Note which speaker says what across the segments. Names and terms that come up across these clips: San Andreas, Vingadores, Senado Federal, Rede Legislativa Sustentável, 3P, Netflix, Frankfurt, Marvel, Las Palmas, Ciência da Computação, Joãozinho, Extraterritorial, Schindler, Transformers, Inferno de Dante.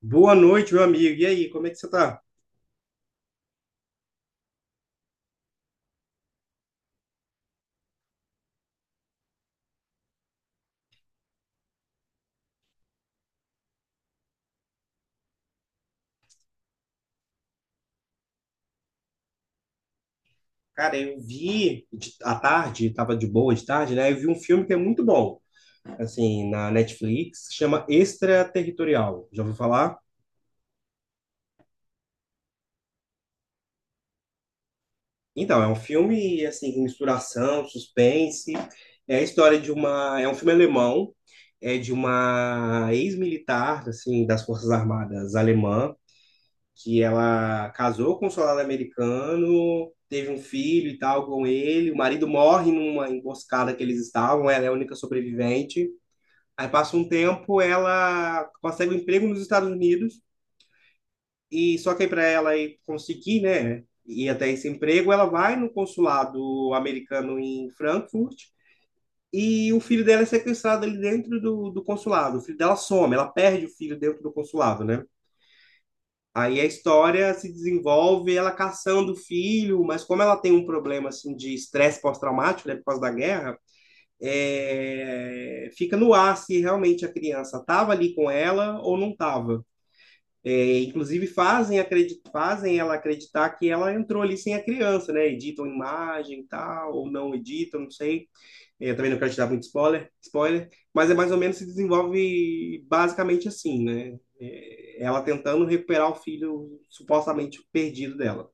Speaker 1: Boa noite, meu amigo. E aí, como é que você tá? Cara, eu vi à tarde, tava de boa de tarde, né? Eu vi um filme que é muito bom, assim, na Netflix, chama Extraterritorial. Já ouviu falar? Então, é um filme, assim, com misturação, suspense. É a história de uma. É um filme alemão, é de uma ex-militar, assim, das Forças Armadas alemã que ela casou com um soldado americano, teve um filho e tal com ele, o marido morre numa emboscada que eles estavam, ela é a única sobrevivente. Aí passa um tempo, ela consegue um emprego nos Estados Unidos e só que para ela ir conseguir, né, ir até esse emprego, ela vai no consulado americano em Frankfurt. E o filho dela é sequestrado ali dentro do consulado. O filho dela some, ela perde o filho dentro do consulado, né? Aí a história se desenvolve ela caçando o filho, mas como ela tem um problema assim de estresse pós-traumático, né, por causa da guerra, fica no ar se realmente a criança estava ali com ela ou não estava. É, inclusive fazem, acredit fazem ela acreditar que ela entrou ali sem a criança, né? Editam imagem e tal, ou não editam, não sei. Eu também não quero te dar muito spoiler, mas é mais ou menos se desenvolve basicamente assim, né? Ela tentando recuperar o filho supostamente perdido dela.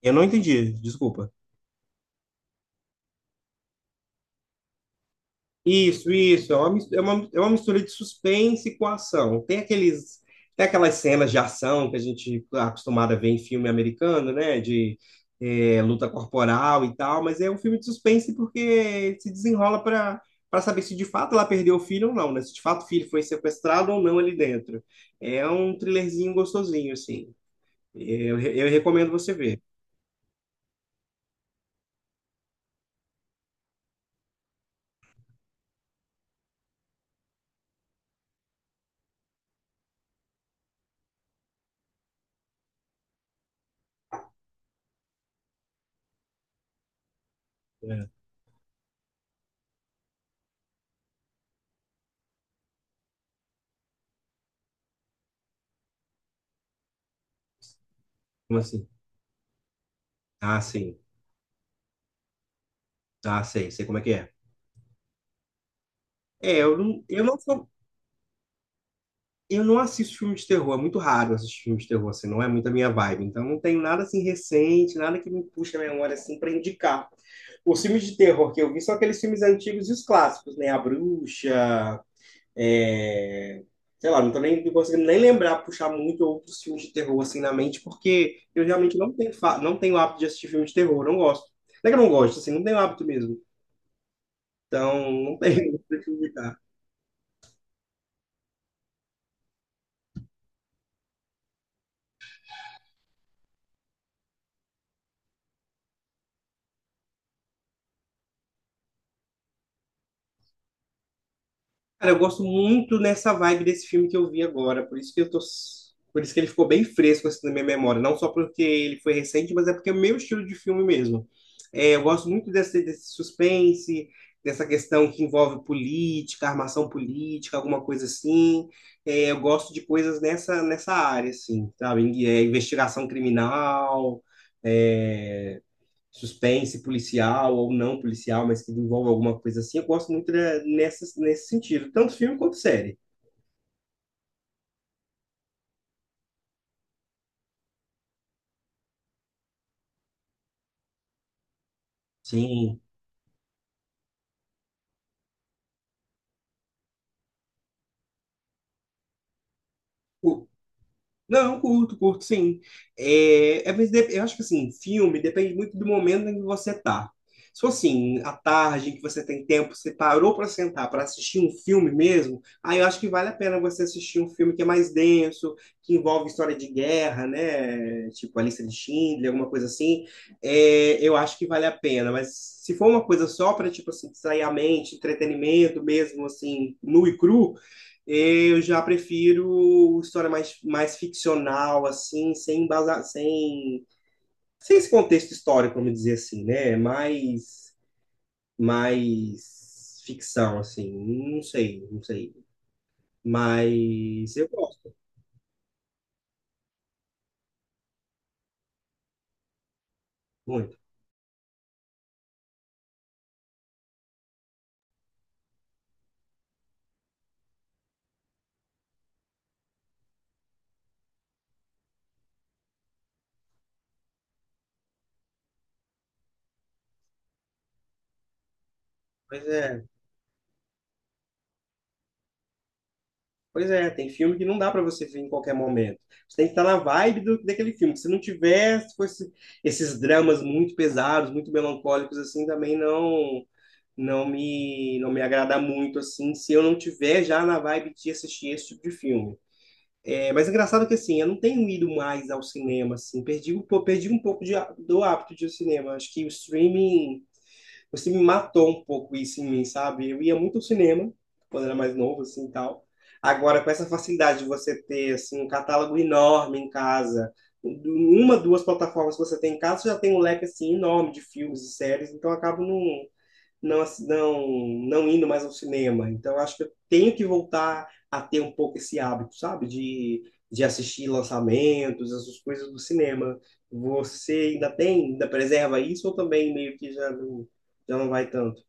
Speaker 1: Eu não entendi, desculpa. Isso, isso. É uma, é uma, é uma mistura de suspense com ação. Tem aquelas cenas de ação que a gente está acostumado a ver em filme americano, né? Luta corporal e tal, mas é um filme de suspense porque se desenrola para saber se de fato ela perdeu o filho ou não, né? Se de fato o filho foi sequestrado ou não ali dentro. É um thrillerzinho gostosinho, assim. Eu recomendo você ver. É. Como assim? Ah, sim. Ah, sei. Sei como é que é. Eu não sou eu não assisto filme de terror, é muito raro assistir filme de terror, assim, não é muito a minha vibe. Então não tenho nada assim recente, nada que me puxe a memória assim para indicar. Os filmes de terror que eu vi são aqueles filmes antigos e os clássicos, né? A Bruxa, é, sei lá, não tô nem não conseguindo nem lembrar, puxar muito outros filmes de terror assim na mente, porque eu realmente não tenho hábito de assistir filme de terror, não gosto. Não é que eu não gosto, assim, não tenho hábito mesmo. Então, não tenho, não te indicar. Cara, eu gosto muito nessa vibe desse filme que eu vi agora, por isso que eu tô, por isso que ele ficou bem fresco assim na minha memória, não só porque ele foi recente, mas é porque é o meu estilo de filme mesmo. Eu gosto muito desse suspense, dessa questão que envolve política, armação política, alguma coisa assim. Eu gosto de coisas nessa área assim, sabe? Investigação criminal, é, suspense policial ou não policial, mas que envolve alguma coisa assim. Eu gosto muito de, nessa, nesse sentido, tanto filme quanto série. Sim. Não, curto, curto, sim. Mas eu acho que assim, filme depende muito do momento em que você tá. Se for assim, à tarde, em que você tem tempo, você parou para sentar para assistir um filme mesmo, aí eu acho que vale a pena você assistir um filme que é mais denso, que envolve história de guerra, né? Tipo a lista de Schindler, alguma coisa assim. Eu acho que vale a pena. Mas se for uma coisa só para, tipo assim, distrair a mente, entretenimento mesmo, assim, nu e cru. Eu já prefiro história mais ficcional, assim, sem embasar, sem, sem esse contexto histórico, vamos dizer assim, né? Mais ficção, assim. Não sei, não sei. Mas eu gosto muito. Pois é, pois é, tem filme que não dá para você ver em qualquer momento. Você tem que estar na vibe daquele filme. Se não tiver, se fosse esses dramas muito pesados, muito melancólicos, assim, também não. Não me agrada muito assim, se eu não tiver já na vibe de assistir esse tipo de filme. É, mas é engraçado que assim, eu não tenho ido mais ao cinema assim, perdi um pouco do hábito de ir ao cinema. Acho que o streaming matou um pouco isso em mim, sabe? Eu ia muito ao cinema quando era mais novo assim, e tal. Agora com essa facilidade de você ter assim um catálogo enorme em casa, uma, duas plataformas que você tem em casa, você já tem um leque assim enorme de filmes e séries, então eu acabo não indo mais ao cinema. Então, eu acho que eu tenho que voltar a ter um pouco esse hábito, sabe? De assistir lançamentos, essas coisas do cinema. Você ainda tem, ainda preserva isso ou também meio que já não vai tanto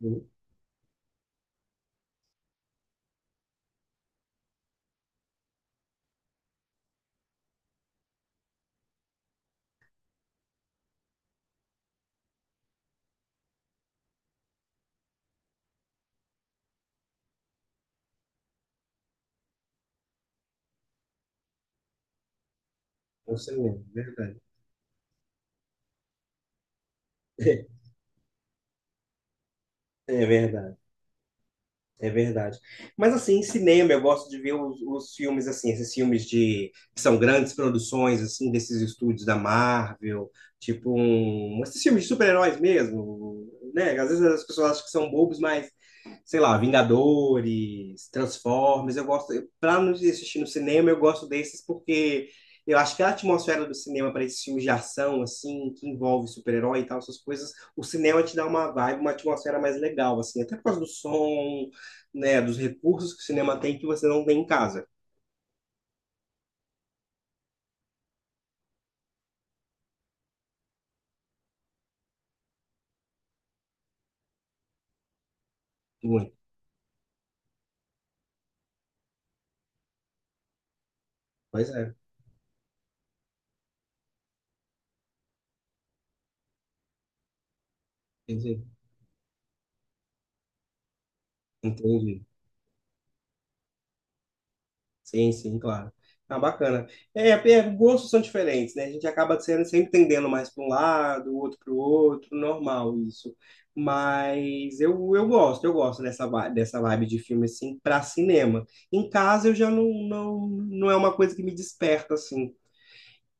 Speaker 1: no no cinema? Verdade. É verdade. É verdade. Mas assim, em cinema eu gosto de ver os filmes assim, esses filmes de que são grandes produções assim desses estúdios da Marvel, tipo um, esses filmes de super-heróis mesmo, né? Às vezes as pessoas acham que são bobos, mas sei lá, Vingadores, Transformers, eu gosto, para não assistir no cinema, eu gosto desses porque eu acho que a atmosfera do cinema para esses filmes de ação assim, que envolve super-herói e tal, essas coisas, o cinema te dá uma vibe, uma atmosfera mais legal assim, até por causa do som né, dos recursos que o cinema tem que você não tem em casa. Muito. Pois é, entendi. Entendi. Sim, sim, claro. Ah, bacana. Gostos são diferentes, né? A gente acaba sendo sempre tendendo mais para um lado, o outro para o outro, normal isso. Eu gosto dessa vibe de filme assim para cinema. Em casa eu já não é uma coisa que me desperta assim.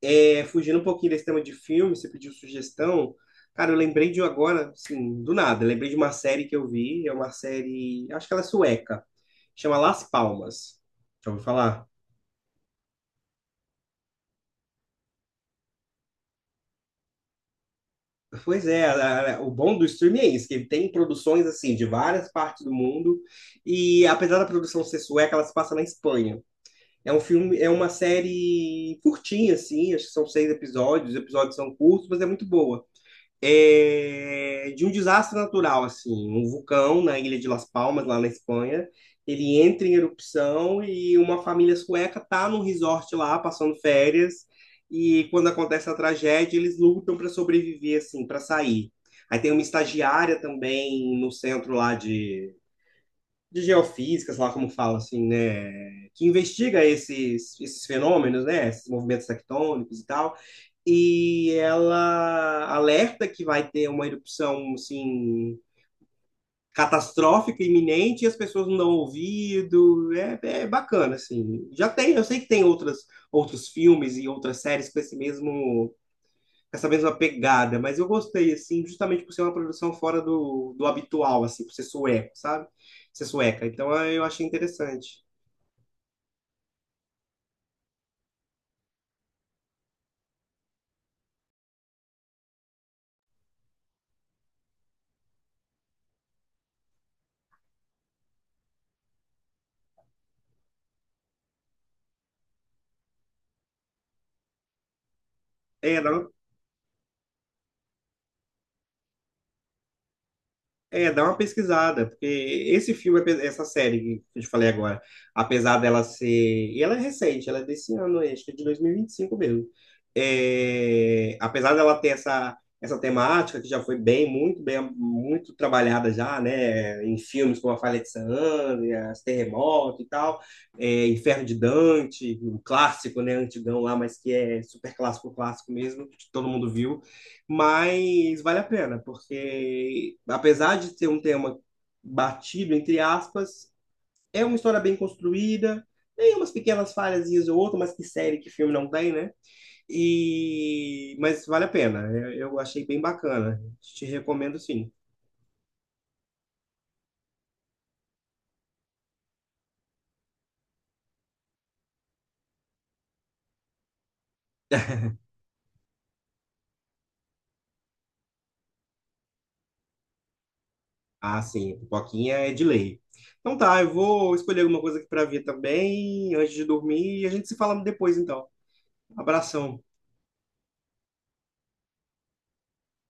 Speaker 1: É, fugindo um pouquinho desse tema de filme, você pediu sugestão. Cara, eu lembrei de um agora, assim, do nada. Lembrei de uma série que eu vi, é uma série, acho que ela é sueca, chama Las Palmas. Já ouviu falar? Pois é, o bom do streaming é isso, que ele tem produções, assim, de várias partes do mundo, e apesar da produção ser sueca, ela se passa na Espanha. É um filme, é uma série curtinha, assim, acho que são seis episódios, os episódios são curtos, mas é muito boa. É, de um desastre natural, assim, um vulcão na ilha de Las Palmas, lá na Espanha, ele entra em erupção e uma família sueca tá num resort lá, passando férias, e quando acontece a tragédia, eles lutam para sobreviver, assim, para sair. Aí tem uma estagiária também no centro lá de geofísicas, lá como fala, assim, né, que investiga esses fenômenos, né, esses movimentos tectônicos e tal, e ela alerta que vai ter uma erupção assim catastrófica iminente e as pessoas não dão ouvido. É, é bacana assim. Já tem, eu sei que tem outras outros filmes e outras séries com esse mesmo com essa mesma pegada, mas eu gostei assim, justamente por ser uma produção fora do habitual assim, por ser sueco, sabe? Ser sueca. Então eu achei interessante. É, dá uma É, dá uma pesquisada, porque esse filme, essa série que eu te falei agora, apesar dela ser. E ela é recente, ela é desse ano, acho que é de 2025 mesmo. É, apesar dela ter essa, essa temática que já foi muito trabalhada já, né? Em filmes como A Falha de San Andreas, Terremoto e tal, é, Inferno de Dante, um clássico, né? Antigão lá, mas que é super clássico, clássico mesmo, que todo mundo viu. Mas vale a pena, porque apesar de ser um tema batido, entre aspas, é uma história bem construída, tem umas pequenas falhazinhas ou outra, mas que série, que filme não tem, né? E... mas vale a pena, eu achei bem bacana, te recomendo sim. Ah, sim, Pipoquinha é de lei. Então tá, eu vou escolher alguma coisa aqui para ver também, antes de dormir, e a gente se fala depois então. Abração.